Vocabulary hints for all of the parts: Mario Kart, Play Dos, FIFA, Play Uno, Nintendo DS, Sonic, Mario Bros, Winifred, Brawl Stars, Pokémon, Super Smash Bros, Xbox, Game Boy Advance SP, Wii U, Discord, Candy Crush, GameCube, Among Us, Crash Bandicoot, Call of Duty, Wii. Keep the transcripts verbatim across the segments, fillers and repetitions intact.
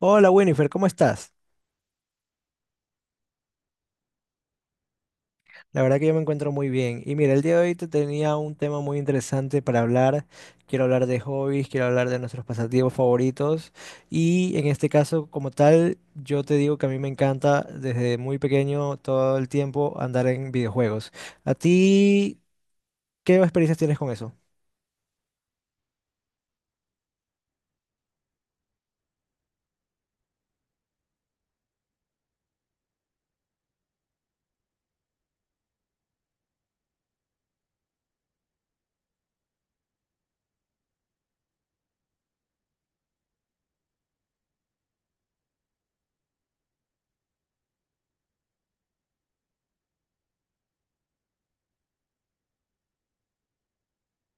Hola Winifred, ¿cómo estás? La verdad que yo me encuentro muy bien. Y mira, el día de hoy te tenía un tema muy interesante para hablar. Quiero hablar de hobbies, quiero hablar de nuestros pasatiempos favoritos. Y en este caso, como tal, yo te digo que a mí me encanta desde muy pequeño todo el tiempo andar en videojuegos. ¿A ti qué experiencias tienes con eso?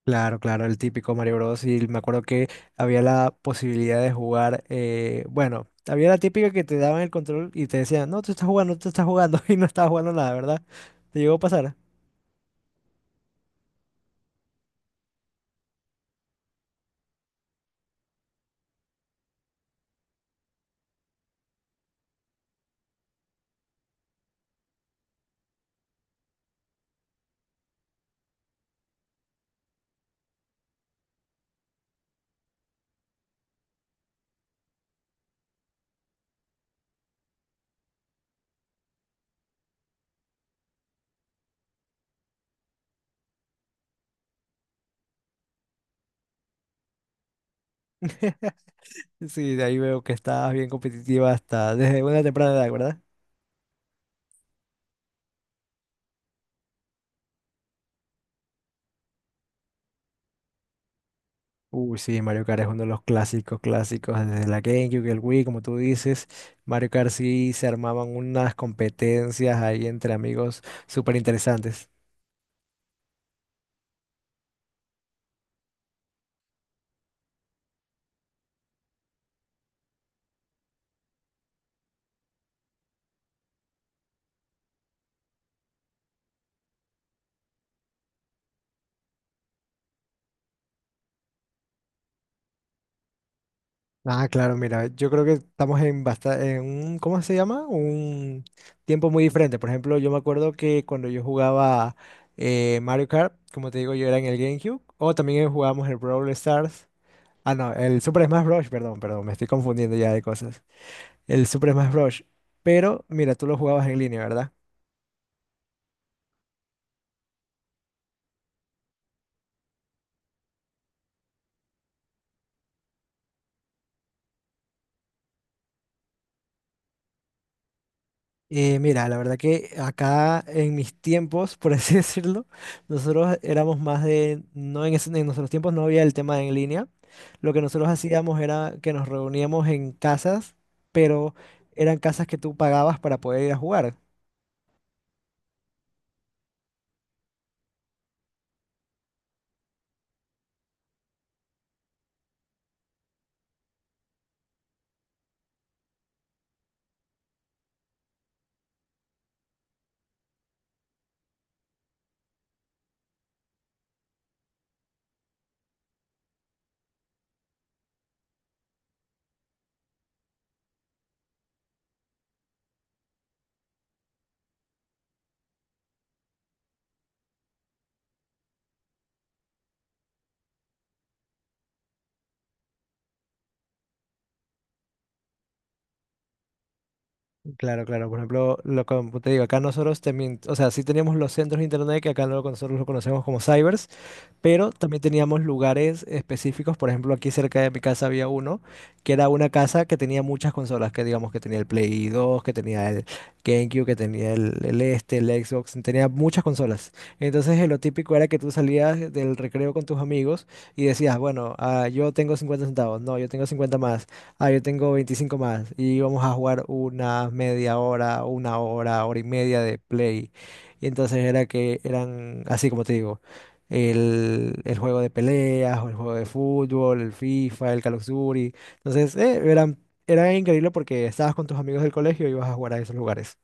Claro, claro, el típico Mario Bros. Y me acuerdo que había la posibilidad de jugar, eh, bueno, había la típica que te daban el control y te decían, no, tú estás jugando, tú estás jugando y no estabas jugando nada, ¿verdad? ¿Te llegó a pasar? Sí, de ahí veo que estabas bien competitiva hasta desde una temprana edad, ¿verdad? Uy, sí, Mario Kart es uno de los clásicos, clásicos, desde la GameCube, el Wii, como tú dices, Mario Kart sí se armaban unas competencias ahí entre amigos súper interesantes. Ah, claro, mira, yo creo que estamos en, basta en un, ¿cómo se llama? Un tiempo muy diferente. Por ejemplo, yo me acuerdo que cuando yo jugaba eh, Mario Kart, como te digo, yo era en el GameCube, o también jugábamos el Brawl Stars. Ah, no, el Super Smash Bros. Perdón, perdón, me estoy confundiendo ya de cosas. El Super Smash Bros. Pero, mira, tú lo jugabas en línea, ¿verdad? Eh, mira, la verdad que acá en mis tiempos, por así decirlo, nosotros éramos más de, no en, ese- en nuestros tiempos no había el tema de en línea. Lo que nosotros hacíamos era que nos reuníamos en casas, pero eran casas que tú pagabas para poder ir a jugar. Claro, claro. Por ejemplo, lo como te digo, acá nosotros también, o sea, sí teníamos los centros de internet, que acá lo- nosotros lo conocemos como cybers. Pero también teníamos lugares específicos. Por ejemplo, aquí cerca de mi casa había uno, que era una casa que tenía muchas consolas, que digamos que tenía el Play dos, que tenía el GameCube, que tenía el, el este, el Xbox, tenía muchas consolas. Entonces eh, lo típico era que tú salías del recreo con tus amigos y decías, bueno, ah, yo tengo cincuenta centavos, no, yo tengo cincuenta más, ah, yo tengo veinticinco más, y íbamos a jugar una media hora, una hora, hora y media de Play. Y entonces era que eran, así como te digo, el, el juego de peleas, o el juego de fútbol, el FIFA, el Call of Duty. Entonces, eh, era, era increíble porque estabas con tus amigos del colegio y ibas a jugar a esos lugares.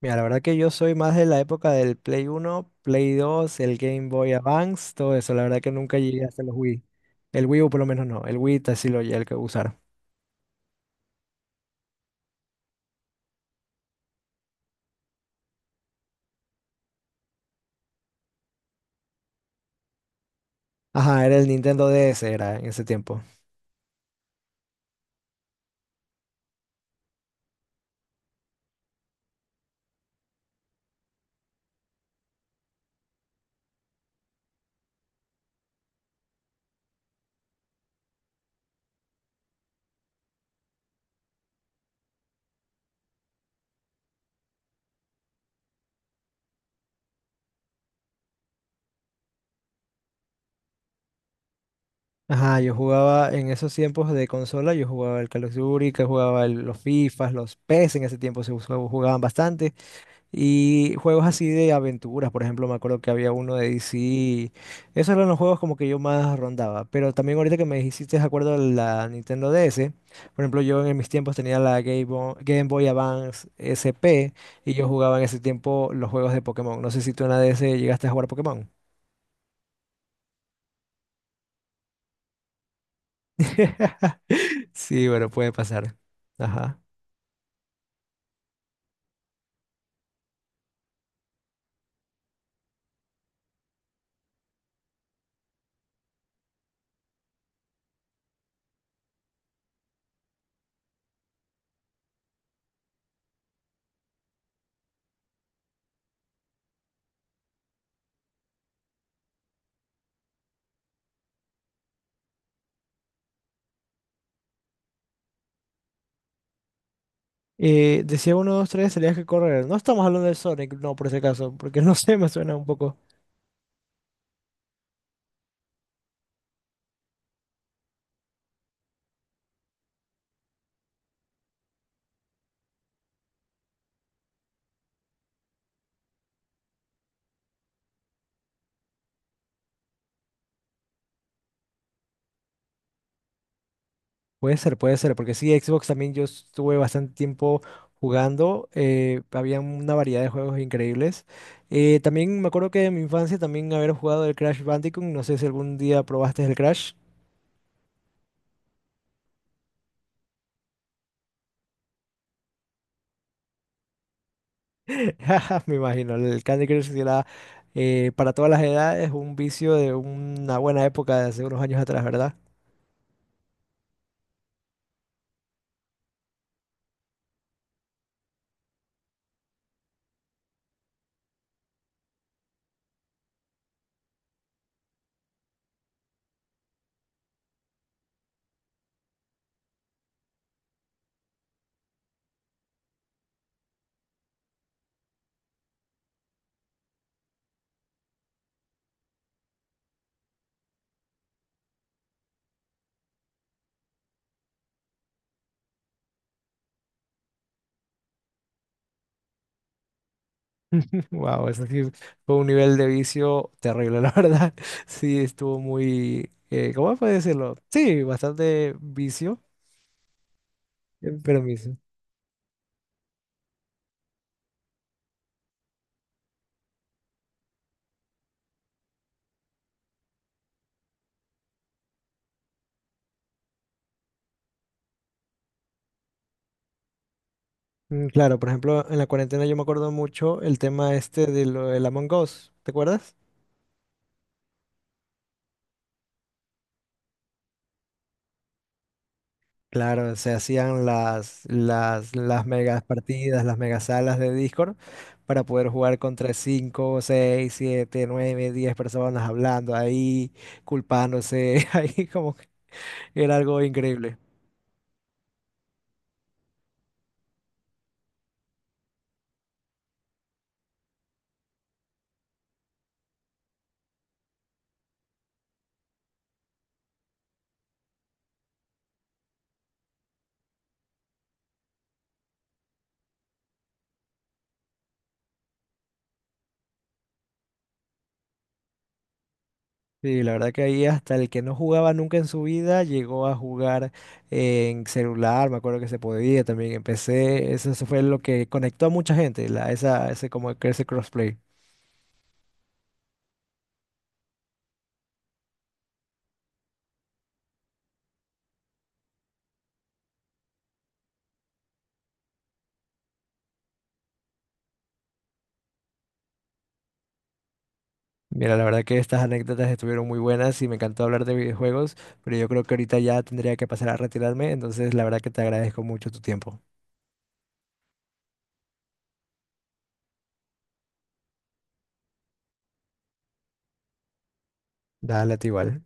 Mira, la verdad que yo soy más de la época del Play Uno, Play Dos, el Game Boy Advance, todo eso. La verdad que nunca llegué hasta los Wii. El Wii U por lo menos no, el Wii sí lo llegué a usar. Ajá, era el Nintendo D S, era en ese tiempo. Ajá, yo jugaba en esos tiempos de consola, yo jugaba el Call of Duty, que jugaba el- los FIFAs, los P E S en ese tiempo se us- jugaban bastante. Y juegos así de aventuras, por ejemplo, me acuerdo que había uno de D C. Esos eran los juegos como que yo más rondaba. Pero también ahorita que me hiciste de acuerdo a la Nintendo D S, por ejemplo, yo en mis tiempos tenía la Game Bo- Game Boy Advance S P y yo jugaba en ese tiempo los juegos de Pokémon. No sé si tú en la D S llegaste a jugar Pokémon. Sí, bueno, puede pasar. Ajá. Eh, decía uno, dos, tres, tenías que correr. No estamos hablando de Sonic, no, por ese caso, porque no sé, me suena un poco. Puede ser, puede ser, porque sí, Xbox también yo estuve bastante tiempo jugando, eh, había una variedad de juegos increíbles. Eh, también me acuerdo que en mi infancia también haber jugado el Crash Bandicoot, no sé si algún día probaste el Crash. Me imagino, el Candy Crush sí era, eh, para todas las edades, un vicio de una buena época de hace unos años atrás, ¿verdad? Wow, eso sí fue un nivel de vicio terrible, la verdad. Sí, estuvo muy, eh, ¿cómo puede decirlo? Sí, bastante vicio, eh, pero vicio. Mm, claro, por ejemplo, en la cuarentena yo me acuerdo mucho el tema este de lo del Among Us, ¿te acuerdas? Claro, se hacían las, las, las, megas partidas, las megas salas de Discord para poder jugar contra cinco, seis, siete, nueve, diez personas hablando ahí, culpándose. Ahí como que era algo increíble. Sí, la verdad que ahí hasta el que no jugaba nunca en su vida llegó a jugar en celular, me acuerdo que se podía también, empecé, eso eso fue lo que conectó a mucha gente, la, esa, ese como que ese crossplay. Mira, la verdad que estas anécdotas estuvieron muy buenas y me encantó hablar de videojuegos, pero yo creo que ahorita ya tendría que pasar a retirarme, entonces la verdad que te agradezco mucho tu tiempo. Dale, a ti igual.